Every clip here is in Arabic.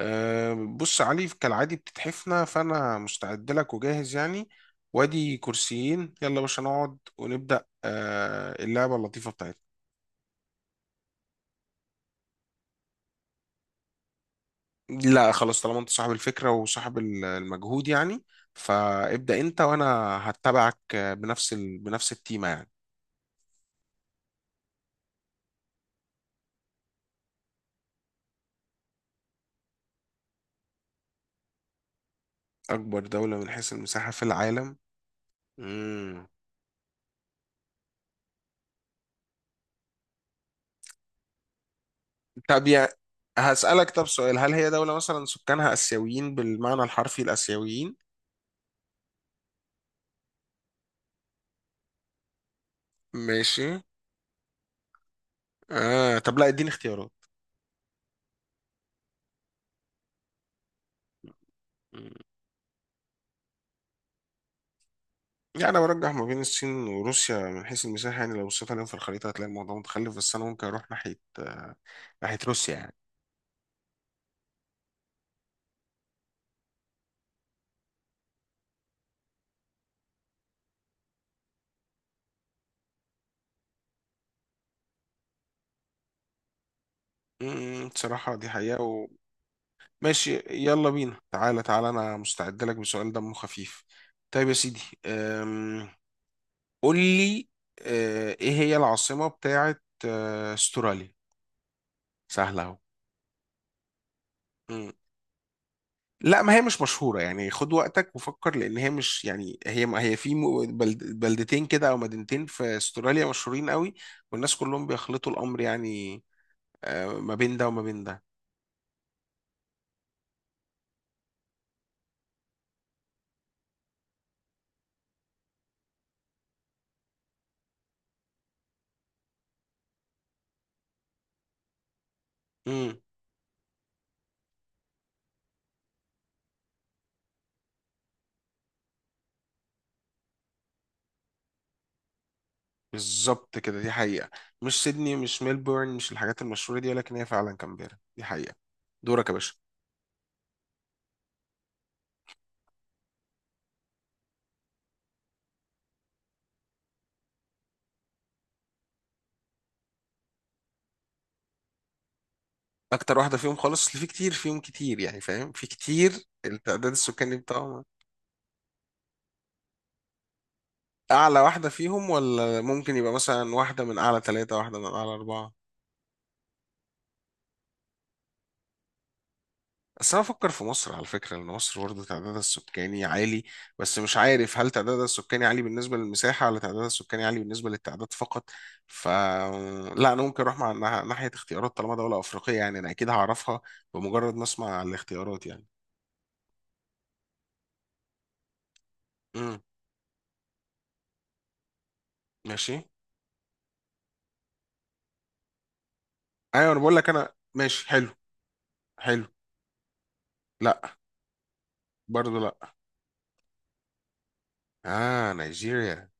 أه، بص يا علي، كالعادي بتتحفنا، فأنا مستعد لك وجاهز يعني. وادي كرسيين، يلا يا باشا نقعد ونبدأ اللعبة اللطيفة بتاعتنا. لا خلاص، طالما انت صاحب الفكرة وصاحب المجهود يعني، فابدأ انت وانا هتبعك بنفس بنفس التيمة يعني. أكبر دولة من حيث المساحة في العالم. مم. طب يا هسألك طب سؤال، هل هي دولة مثلا سكانها آسيويين، بالمعنى الحرفي الآسيويين؟ ماشي. آه طب لا، اديني اختيارات. يعني انا برجح ما بين الصين وروسيا من حيث المساحه، يعني لو بصيت عليهم في الخريطه هتلاقي الموضوع متخلف، بس انا ممكن اروح ناحيه روسيا يعني. بصراحه دي حقيقه. ماشي يلا بينا، تعالى تعالى انا مستعد لك بسؤال دمه خفيف. طيب يا سيدي، قول لي، ايه هي العاصمه بتاعه استراليا؟ سهله. اهو. لا ما هي مش مشهورة، يعني خد وقتك وفكر، لأن هي مش يعني، هي ما هي في بلد بلدتين كده أو مدينتين في أستراليا مشهورين قوي، والناس كلهم بيخلطوا الأمر يعني، ما بين ده وما بين ده. امم. بالظبط كده، دي حقيقة. مش سيدني، مش ميلبورن، مش الحاجات المشهورة دي، ولكن هي فعلا كامبيرا، دي حقيقة. دورك يا باشا. أكتر واحدة فيهم خالص، اللي في كتير فيهم كتير يعني، فاهم، في كتير؟ التعداد السكاني بتاعهم، أعلى واحدة فيهم ولا ممكن يبقى مثلا واحدة من أعلى ثلاثة، واحدة من أعلى أربعة؟ بس انا بفكر في مصر على فكره، لان مصر برضه تعدادها السكاني عالي، بس مش عارف هل تعدادها السكاني عالي بالنسبه للمساحه، ولا تعدادها السكاني عالي بالنسبه للتعداد فقط. ف لا، انا ممكن اروح ناحيه اختيارات، طالما دوله افريقيه يعني انا اكيد هعرفها بمجرد ما اسمع الاختيارات يعني. امم. ماشي. ايوه انا بقول لك، انا ماشي. حلو. حلو. لا. برضه لا. اه نيجيريا.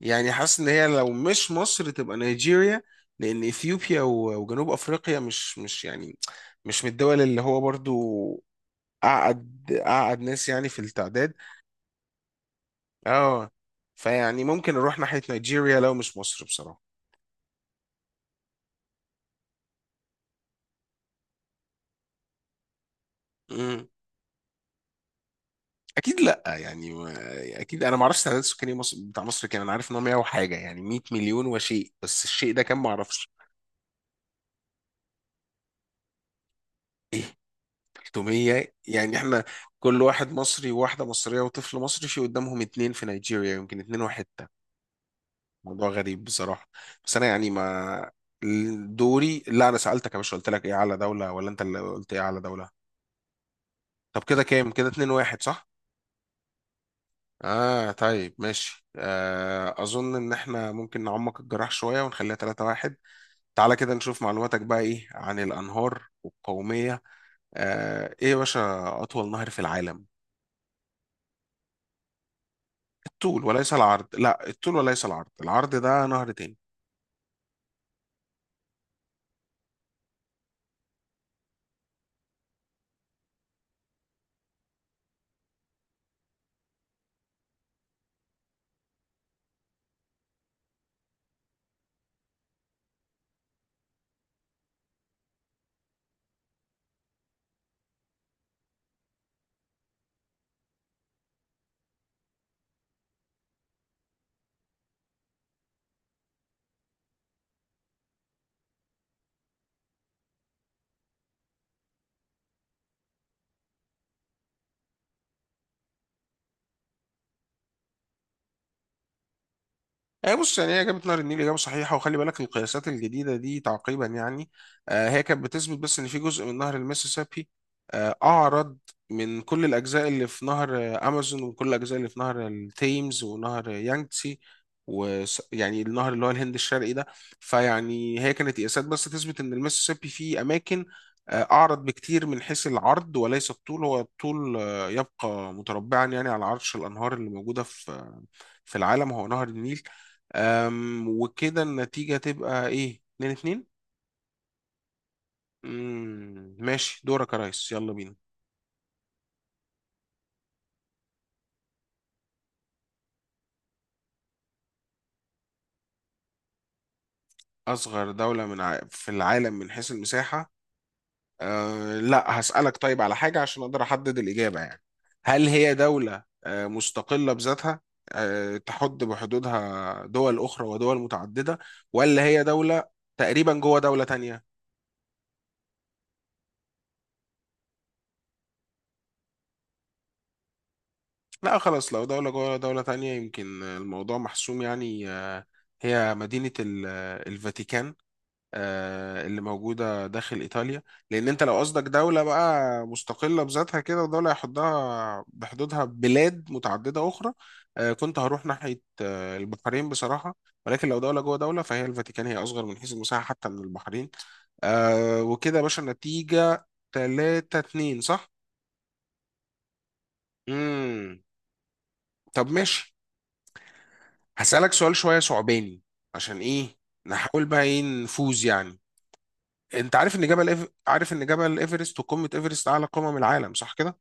يعني حاسس ان هي لو مش مصر تبقى نيجيريا، لان اثيوبيا وجنوب افريقيا مش يعني مش من الدول اللي هو برضو اقعد اقعد ناس يعني في التعداد. اه. فيعني ممكن نروح ناحية نيجيريا لو مش مصر بصراحة. امم. اكيد لا يعني، اكيد انا ما اعرفش التعداد السكاني مصر بتاع مصر كام، انا عارف ان هو 100 وحاجة يعني، 100 مليون وشيء، بس الشيء ده كام ما اعرفش. إيه؟ 600؟ يعني احنا كل واحد مصري وواحدة مصرية وطفل مصري في قدامهم اتنين في نيجيريا، يمكن اتنين وحتة. موضوع غريب بصراحة. بس انا يعني ما. دوري؟ لا انا سألتك يا باشا، قلت لك ايه اعلى دولة، ولا انت اللي قلت ايه اعلى دولة؟ طب كده كام؟ كده 2-1 صح؟ اه طيب ماشي، اظن ان احنا ممكن نعمق الجراح شوية ونخليها 3-1. تعالى كده نشوف معلوماتك بقى ايه عن الانهار والقومية. ايه يا باشا اطول نهر في العالم؟ الطول وليس العرض، لا الطول وليس العرض، العرض ده نهر تاني. هي بص، يعني هي إجابة نهر النيل إجابة صحيحة، وخلي بالك القياسات الجديدة دي تعقيبا يعني، هي كانت بتثبت بس إن في جزء من نهر المسيسيبي أعرض من كل الأجزاء اللي في نهر أمازون، وكل الأجزاء اللي في نهر التيمز ونهر يانجتسي، ويعني النهر اللي هو الهند الشرقي ده. فيعني هي كانت قياسات بس تثبت إن المسيسيبي فيه أماكن أعرض بكتير من حيث العرض وليس الطول، هو الطول يبقى متربعا يعني على عرش الأنهار اللي موجودة في في العالم هو نهر النيل. وكده النتيجة تبقى ايه، 2-2. ماشي، دورك يا ريس، يلا بينا. أصغر دولة في العالم من حيث المساحة؟ لا، هسألك طيب على حاجة عشان أقدر أحدد الإجابة يعني. هل هي دولة مستقلة بذاتها، أه تحد بحدودها دول أخرى ودول متعددة، ولا هي دولة تقريبا جوه دولة تانية؟ لا خلاص، لو دولة جوه دولة تانية يمكن الموضوع محسوم يعني. أه، هي مدينة الفاتيكان اللي موجودة داخل إيطاليا. لأن أنت لو قصدك دولة بقى مستقلة بذاتها كده، ودولة يحضها بحدودها بلاد متعددة أخرى، كنت هروح ناحية البحرين بصراحة، ولكن لو دولة جوه دولة فهي الفاتيكان، هي أصغر من حيث المساحة حتى من البحرين. وكده يا باشا النتيجة 3-2 صح؟ مم. طب ماشي، هسألك سؤال شوية صعباني، عشان إيه؟ نحاول بقى إيه، نفوز يعني. انت عارف ان عارف ان جبل ايفرست وقمه ايفرست اعلى قمم العالم صح كده؟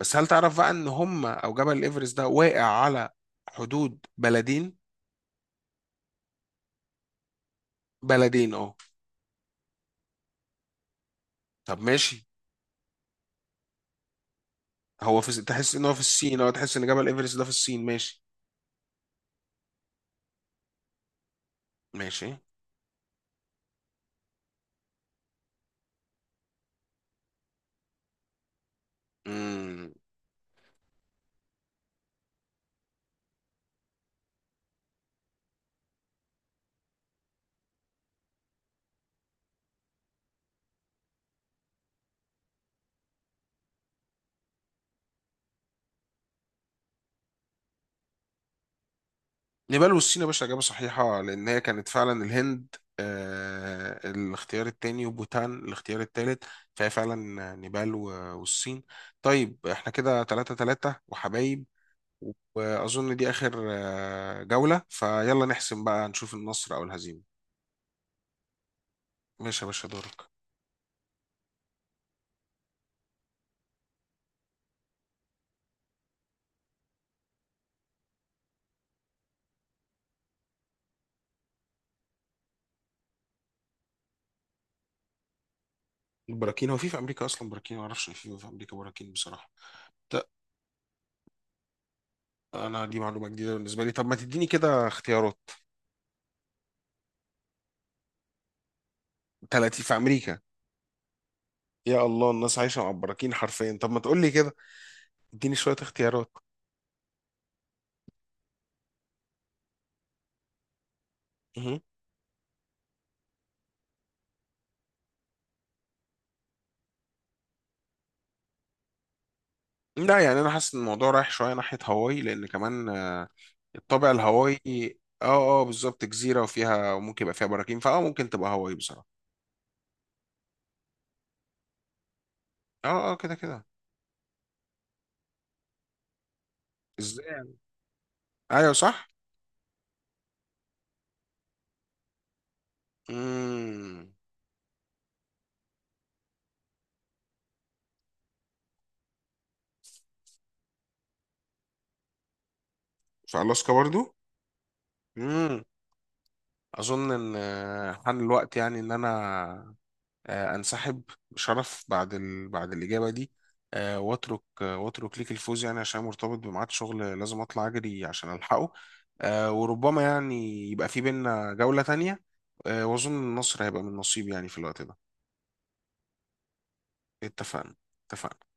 بس هل تعرف بقى ان هم، او جبل ايفرست ده واقع على حدود بلدين؟ بلدين اه. طب ماشي. هو في، تحس ان هو في الصين، او تحس ان جبل ايفرست ده في الصين؟ ماشي. ماشي. امم. نيبال والصين يا باشا اجابه صحيحه، لان هي كانت فعلا الهند الاختيار التاني، وبوتان الاختيار التالت، فهي فعلا نيبال والصين. طيب احنا كده 3-3 وحبايب، واظن دي اخر جولة، فيلا نحسم بقى نشوف النصر او الهزيمة. ماشي يا باشا دورك. البراكين؟ هو في في امريكا اصلا براكين؟ ما اعرفش ان في في امريكا براكين بصراحة. لا، انا دي معلومة جديدة بالنسبة لي، طب ما تديني كده اختيارات. 30 في امريكا؟ يا الله، الناس عايشة مع البراكين حرفيا. طب ما تقول لي كده، اديني شوية اختيارات. مهم. لا يعني انا حاسس ان الموضوع رايح شوية ناحية هاواي، لان كمان الطابع الهوائي، اه اه بالظبط، جزيرة وفيها وممكن يبقى فيها براكين، فاه ممكن تبقى هاواي بصراحة. اه اه كده كده. ازاي يعني؟ ايوه صح. امم. في الاسكا برضو. امم. اظن ان حان الوقت يعني ان انا انسحب بشرف بعد بعد الاجابه دي، واترك واترك ليك الفوز يعني، عشان مرتبط بميعاد شغل لازم اطلع اجري عشان الحقه. وربما يعني يبقى في بينا جوله تانية، واظن النصر هيبقى من نصيب يعني في الوقت ده. اتفقنا. اتفقنا.